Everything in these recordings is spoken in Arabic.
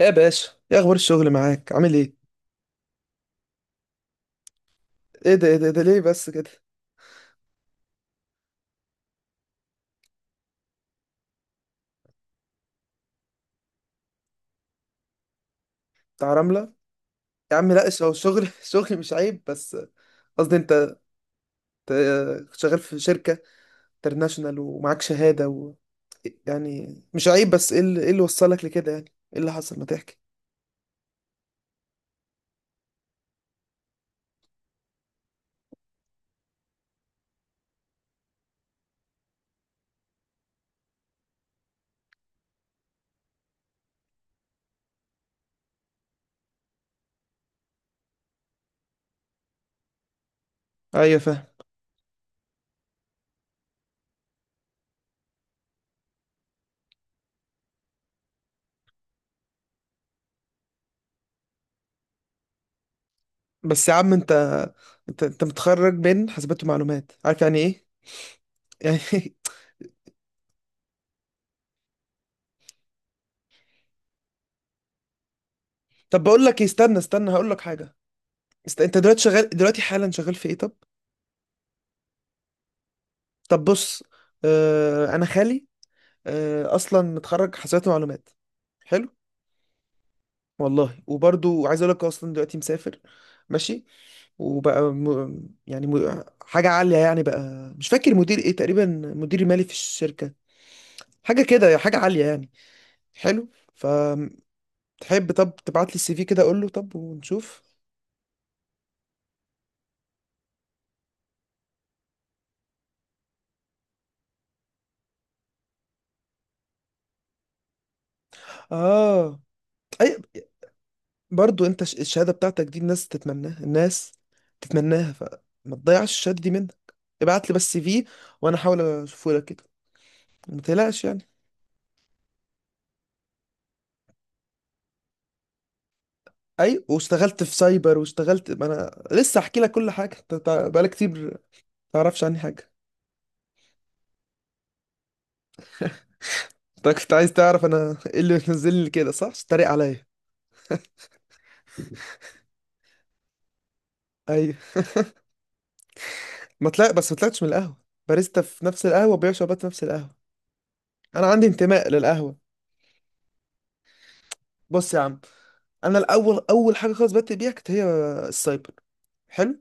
يا باشا، يا اخبار الشغل معاك؟ عامل ايه؟ إيه ده ليه بس كده؟ بتاع رملة؟ يا عم لا، هو الشغل الشغل مش عيب، بس قصدي انت، أنت شغال في شركة انترناشونال ومعاك شهادة يعني مش عيب، بس إيه اللي وصلك لكده يعني؟ ايه اللي حصل؟ ما تحكي. ايوه فاهم. بس يا عم، انت متخرج من حاسبات ومعلومات، عارف يعني ايه؟ يعني طب بقول لك إيه، استنى استنى هقول لك حاجة. انت دلوقتي شغال، دلوقتي حالا شغال في ايه؟ طب طب بص. آه، انا خالي آه، اصلا متخرج حاسبات ومعلومات، حلو. والله وبرضو عايز اقول لك اصلا دلوقتي مسافر، ماشي، وبقى يعني حاجه عاليه يعني، بقى مش فاكر مدير ايه تقريبا، مدير مالي في الشركه، حاجه كده، حاجه عاليه يعني. حلو. فتحب؟ طب تبعت لي السي في كده، اقول له طب ونشوف. اه. اي. برضو انت الشهاده بتاعتك دي الناس تتمناها، الناس تتمناها، فما تضيعش الشهاده دي منك. ابعت لي بس سي في وانا احاول اشوفه لك كده. ما تقلقش يعني. اي، واشتغلت في سايبر واشتغلت، ما انا لسه احكي لك كل حاجه، انت بقالك كتير ما تعرفش عني حاجه. انت كنت عايز تعرف انا ايه اللي منزلني كده، صح؟ تتريق عليا؟ اي. ما طلع، بس ما طلعتش من القهوه، باريستا في نفس القهوه، بيع شربات في نفس القهوه. انا عندي انتماء للقهوه. بص يا عم، انا الاول، اول حاجه خالص بدات بيها كانت هي السايبر. حلو.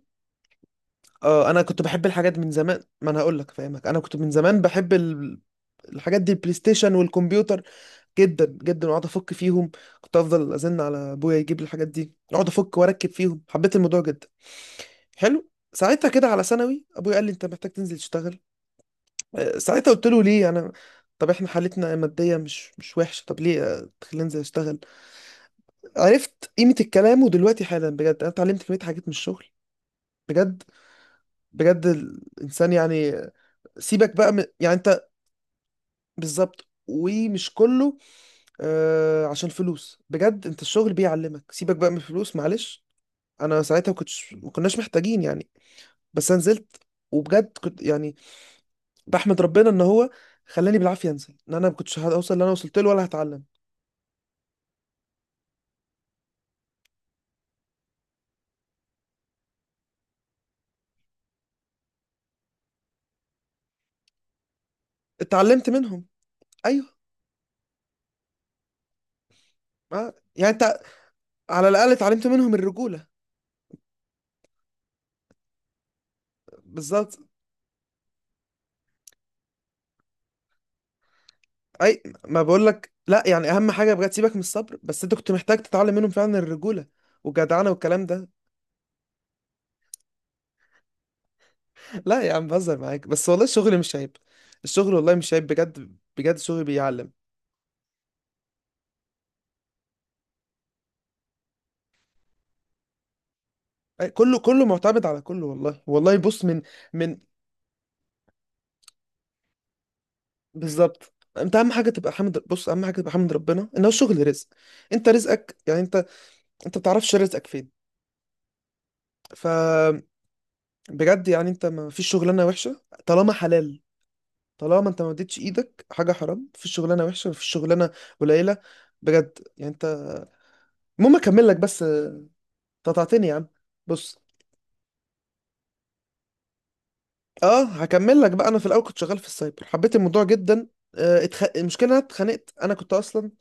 اه انا كنت بحب الحاجات دي من زمان، ما انا هقول لك، فاهمك، انا كنت من زمان بحب الحاجات دي، البلاي ستيشن والكمبيوتر، جدا جدا، واقعد افك فيهم. كنت افضل ازن على ابويا يجيب لي الحاجات دي، اقعد افك واركب فيهم، حبيت الموضوع جدا. حلو. ساعتها كده على ثانوي ابويا قال لي انت محتاج تنزل تشتغل. آه، ساعتها قلت له ليه انا؟ طب احنا حالتنا ماديه مش وحشه، طب ليه آه، تخليني انزل اشتغل؟ عرفت قيمه الكلام، ودلوقتي حالا بجد انا اتعلمت كميه حاجات من الشغل، بجد بجد. الانسان يعني آه، سيبك بقى من يعني، انت بالظبط، ومش كله آه عشان فلوس، بجد انت الشغل بيعلمك، سيبك بقى من الفلوس معلش. انا ساعتها ما كنتش، ما كناش محتاجين يعني، بس انا نزلت وبجد كنت يعني بحمد ربنا ان هو خلاني بالعافيه انزل، ان انا ما كنتش هوصل اللي انا وصلت له ولا هتعلم. اتعلمت منهم. ايوه، ما يعني انت، على الاقل اتعلمت منهم الرجوله. بالظبط. اي، ما بقول لك لا يعني، اهم حاجه بجد سيبك من الصبر، بس انت كنت محتاج تتعلم منهم فعلا الرجوله والجدعنه والكلام ده. لا يا عم، بهزر معاك، بس والله الشغل مش عيب. الشغل والله مش عيب بجد، بجد الشغل بيعلم. أي، كله كله معتمد على كله، والله والله. بص، من من بالظبط، انت اهم حاجه تبقى حامد، بص، اهم حاجه تبقى حامد ربنا ان هو الشغل رزق. انت رزقك يعني، انت انت ما بتعرفش رزقك فين. فبجد يعني انت، ما فيش شغلانه وحشه طالما حلال، طالما انت ما اديتش ايدك حاجه حرام، مفيش شغلانه وحشه، مفيش شغلانه قليله. بجد يعني انت، المهم اكمل لك بس آه، قطعتني يا عم. بص. اه، هكمل لك بقى، انا في الاول كنت شغال في السايبر، حبيت الموضوع جدا. آه، المشكله إن انا اتخانقت، انا كنت اصلا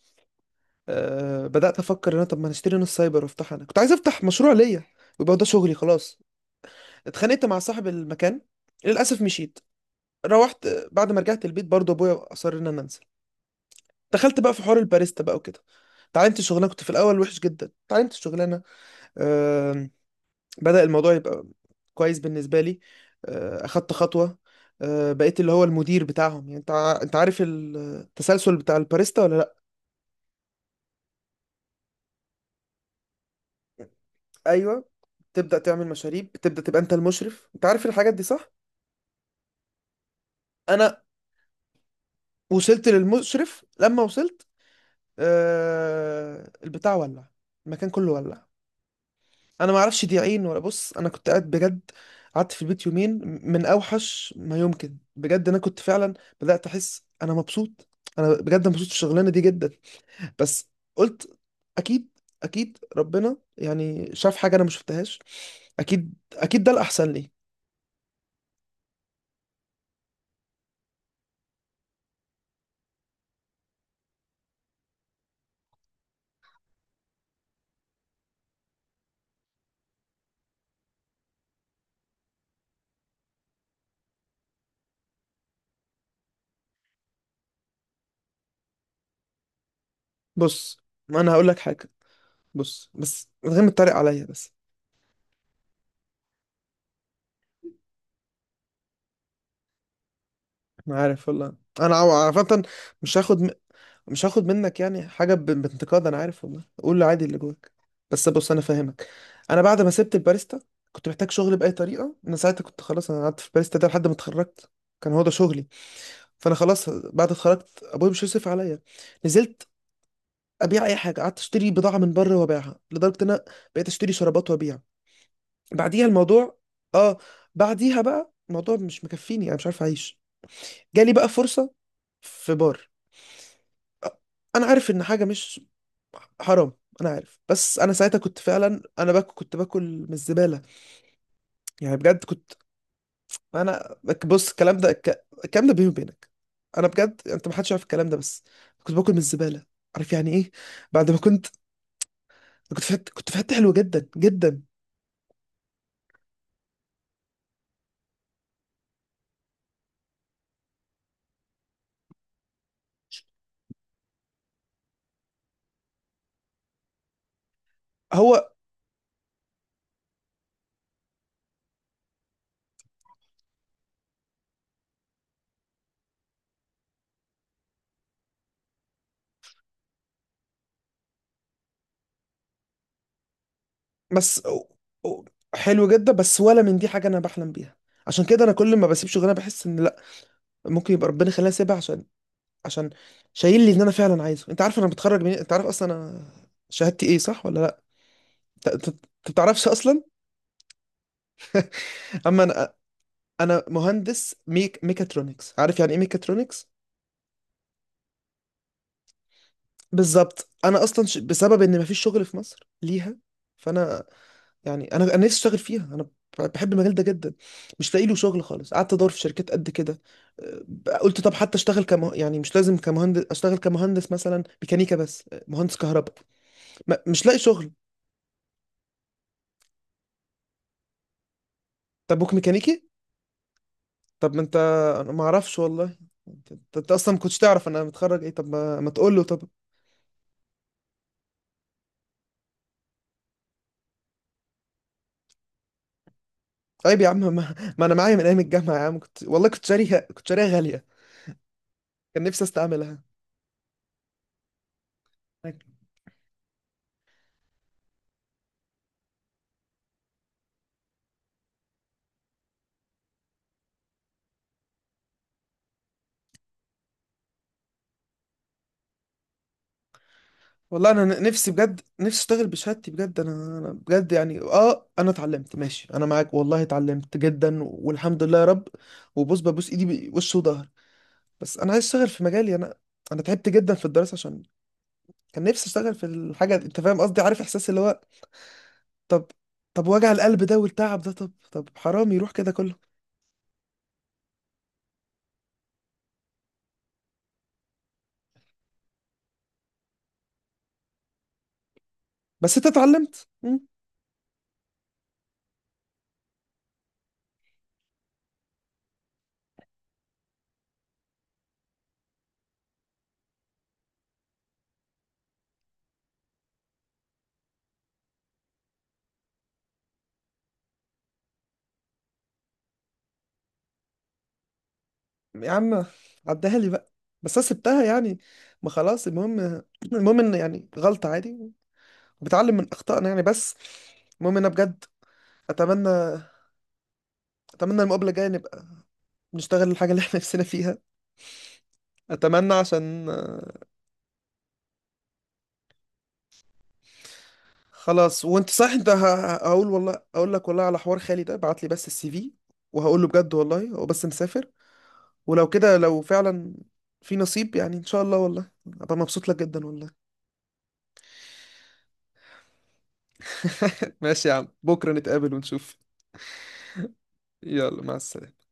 آه، بدأت أفكر إن أنا، طب ما نشتري نص سايبر وأفتحها، أنا كنت عايز أفتح مشروع ليا، ويبقى ده شغلي خلاص. اتخانقت مع صاحب المكان، للأسف مشيت. روحت آه، بعد ما رجعت البيت برضه أبويا أصر إن أنا أنزل. دخلت بقى في حوار الباريستا بقى وكده، اتعلمت الشغلانة، كنت في الأول وحش جدا، اتعلمت الشغلانة. آم، بدأ الموضوع يبقى كويس بالنسبة لي. آه، أخدت خطوة، آه، بقيت اللي هو المدير بتاعهم. يعني أنت أنت عارف التسلسل بتاع الباريستا ولا؟ ايوه، تبدا تعمل مشاريب، تبدا تبقى انت المشرف، انت عارف الحاجات دي صح. انا وصلت للمشرف، لما وصلت آه البتاع ولع، المكان كله ولع. انا ما اعرفش دي عين ولا، بص انا كنت قاعد بجد، قعدت في البيت يومين من اوحش ما يمكن، بجد انا كنت فعلا بدات احس انا مبسوط، انا بجد مبسوط في الشغلانه دي جدا، بس قلت اكيد، اكيد ربنا يعني شاف حاجه انا ما شفتهاش، اكيد اكيد ده الاحسن لي. بص، ما انا هقول لك حاجه، بص، بس من غير ما تتريق عليا بس. انا عارف، والله انا عامة، مش هاخد م... مش هاخد منك يعني حاجة بانتقاد، انا عارف، والله قول لي عادي اللي جواك. بس بص انا فاهمك. انا بعد ما سبت الباريستا كنت محتاج شغل بأي طريقة، انا ساعتها كنت خلاص، انا قعدت في الباريستا ده لحد ما اتخرجت، كان هو ده شغلي. فانا خلاص بعد اتخرجت ابويا مش هيصرف عليا، نزلت ابيع اي حاجة، قعدت اشتري بضاعة من بره وابيعها، لدرجة ان انا بقيت اشتري شرابات وابيع. بعديها الموضوع، اه، بعديها بقى الموضوع مش مكفيني، انا مش عارف اعيش. جالي بقى فرصة في بار. انا عارف ان حاجة مش حرام، انا عارف، بس انا ساعتها كنت فعلا انا باكل، كنت باكل من الزبالة، يعني بجد كنت انا. بص الكلام ده، الكلام ده بيني وبينك، انا بجد، انت ما حدش يعرف الكلام ده، بس كنت باكل من الزبالة، عارف يعني ايه؟ بعد ما كنت، كنت في حتة، كنت في حتة حلوة جدا جدا. هو، بس أو- حلو جدا، بس ولا من دي حاجة انا بحلم بيها. عشان كده انا كل ما بسيب شغلانه بحس ان لا، ممكن يبقى ربنا يخليني اسيبها عشان، عشان شايل لي ان انا فعلا عايزه. انت عارف انا بتخرج من، انت عارف اصلا انا شهادتي ايه صح ولا لا؟ انت بتعرفش اصلا. اما انا، انا مهندس ميكاترونكس، عارف يعني ايه ميكاترونكس؟ بالظبط. انا اصلا بسبب ان مفيش شغل في مصر ليها، فانا يعني انا، انا نفسي اشتغل فيها، انا بحب المجال ده جدا، مش لاقي له شغل خالص، قعدت ادور في شركات قد كده. أه، قلت طب حتى اشتغل كم يعني، مش لازم كمهندس، اشتغل كمهندس مثلا ميكانيكا، بس أه، مهندس كهرباء. مش لاقي شغل. طب بوك ميكانيكي. طب ما انت، انا ما اعرفش والله. انت اصلا ما كنتش تعرف انا متخرج ايه، طب ما، ما تقول له طب. طيب يا عم، ما، ما انا معايا من ايام الجامعه يا عم، كنت والله كنت شاريها، كنت شاريها غاليه، كان نفسي استعملها. والله انا نفسي بجد، نفسي اشتغل بشهادتي بجد، انا انا بجد يعني اه انا اتعلمت، ماشي انا معاك والله، اتعلمت جدا والحمد لله يا رب، وبص ببوس ايدي بوش وظهر، بس انا عايز اشتغل في مجالي انا، انا تعبت جدا في الدراسه، عشان كان نفسي اشتغل في الحاجه دي. انت فاهم قصدي، عارف احساس اللي هو، طب، طب وجع القلب ده والتعب ده، طب طب حرام يروح كده كله. بس انت اتعلمت. مم. يا عم عدها لي بقى، بس انا سبتها يعني، ما خلاص، المهم، المهم ان يعني غلطة عادي، بتعلم من اخطائنا يعني، بس المهم انا بجد اتمنى، اتمنى المقابلة الجاية نبقى نشتغل الحاجة اللي احنا نفسنا فيها. اتمنى عشان آه، خلاص. وانت صح، انت هقول، والله اقول لك، والله على حوار خالي ده، بعت لي بس السي في، وهقول له بجد والله هو بس مسافر. ولو كده، لو فعلا في نصيب، يعني ان شاء الله، والله ابقى مبسوط لك جدا، والله. ماشي يا عم، بكرة نتقابل ونشوف. يلا مع السلامة.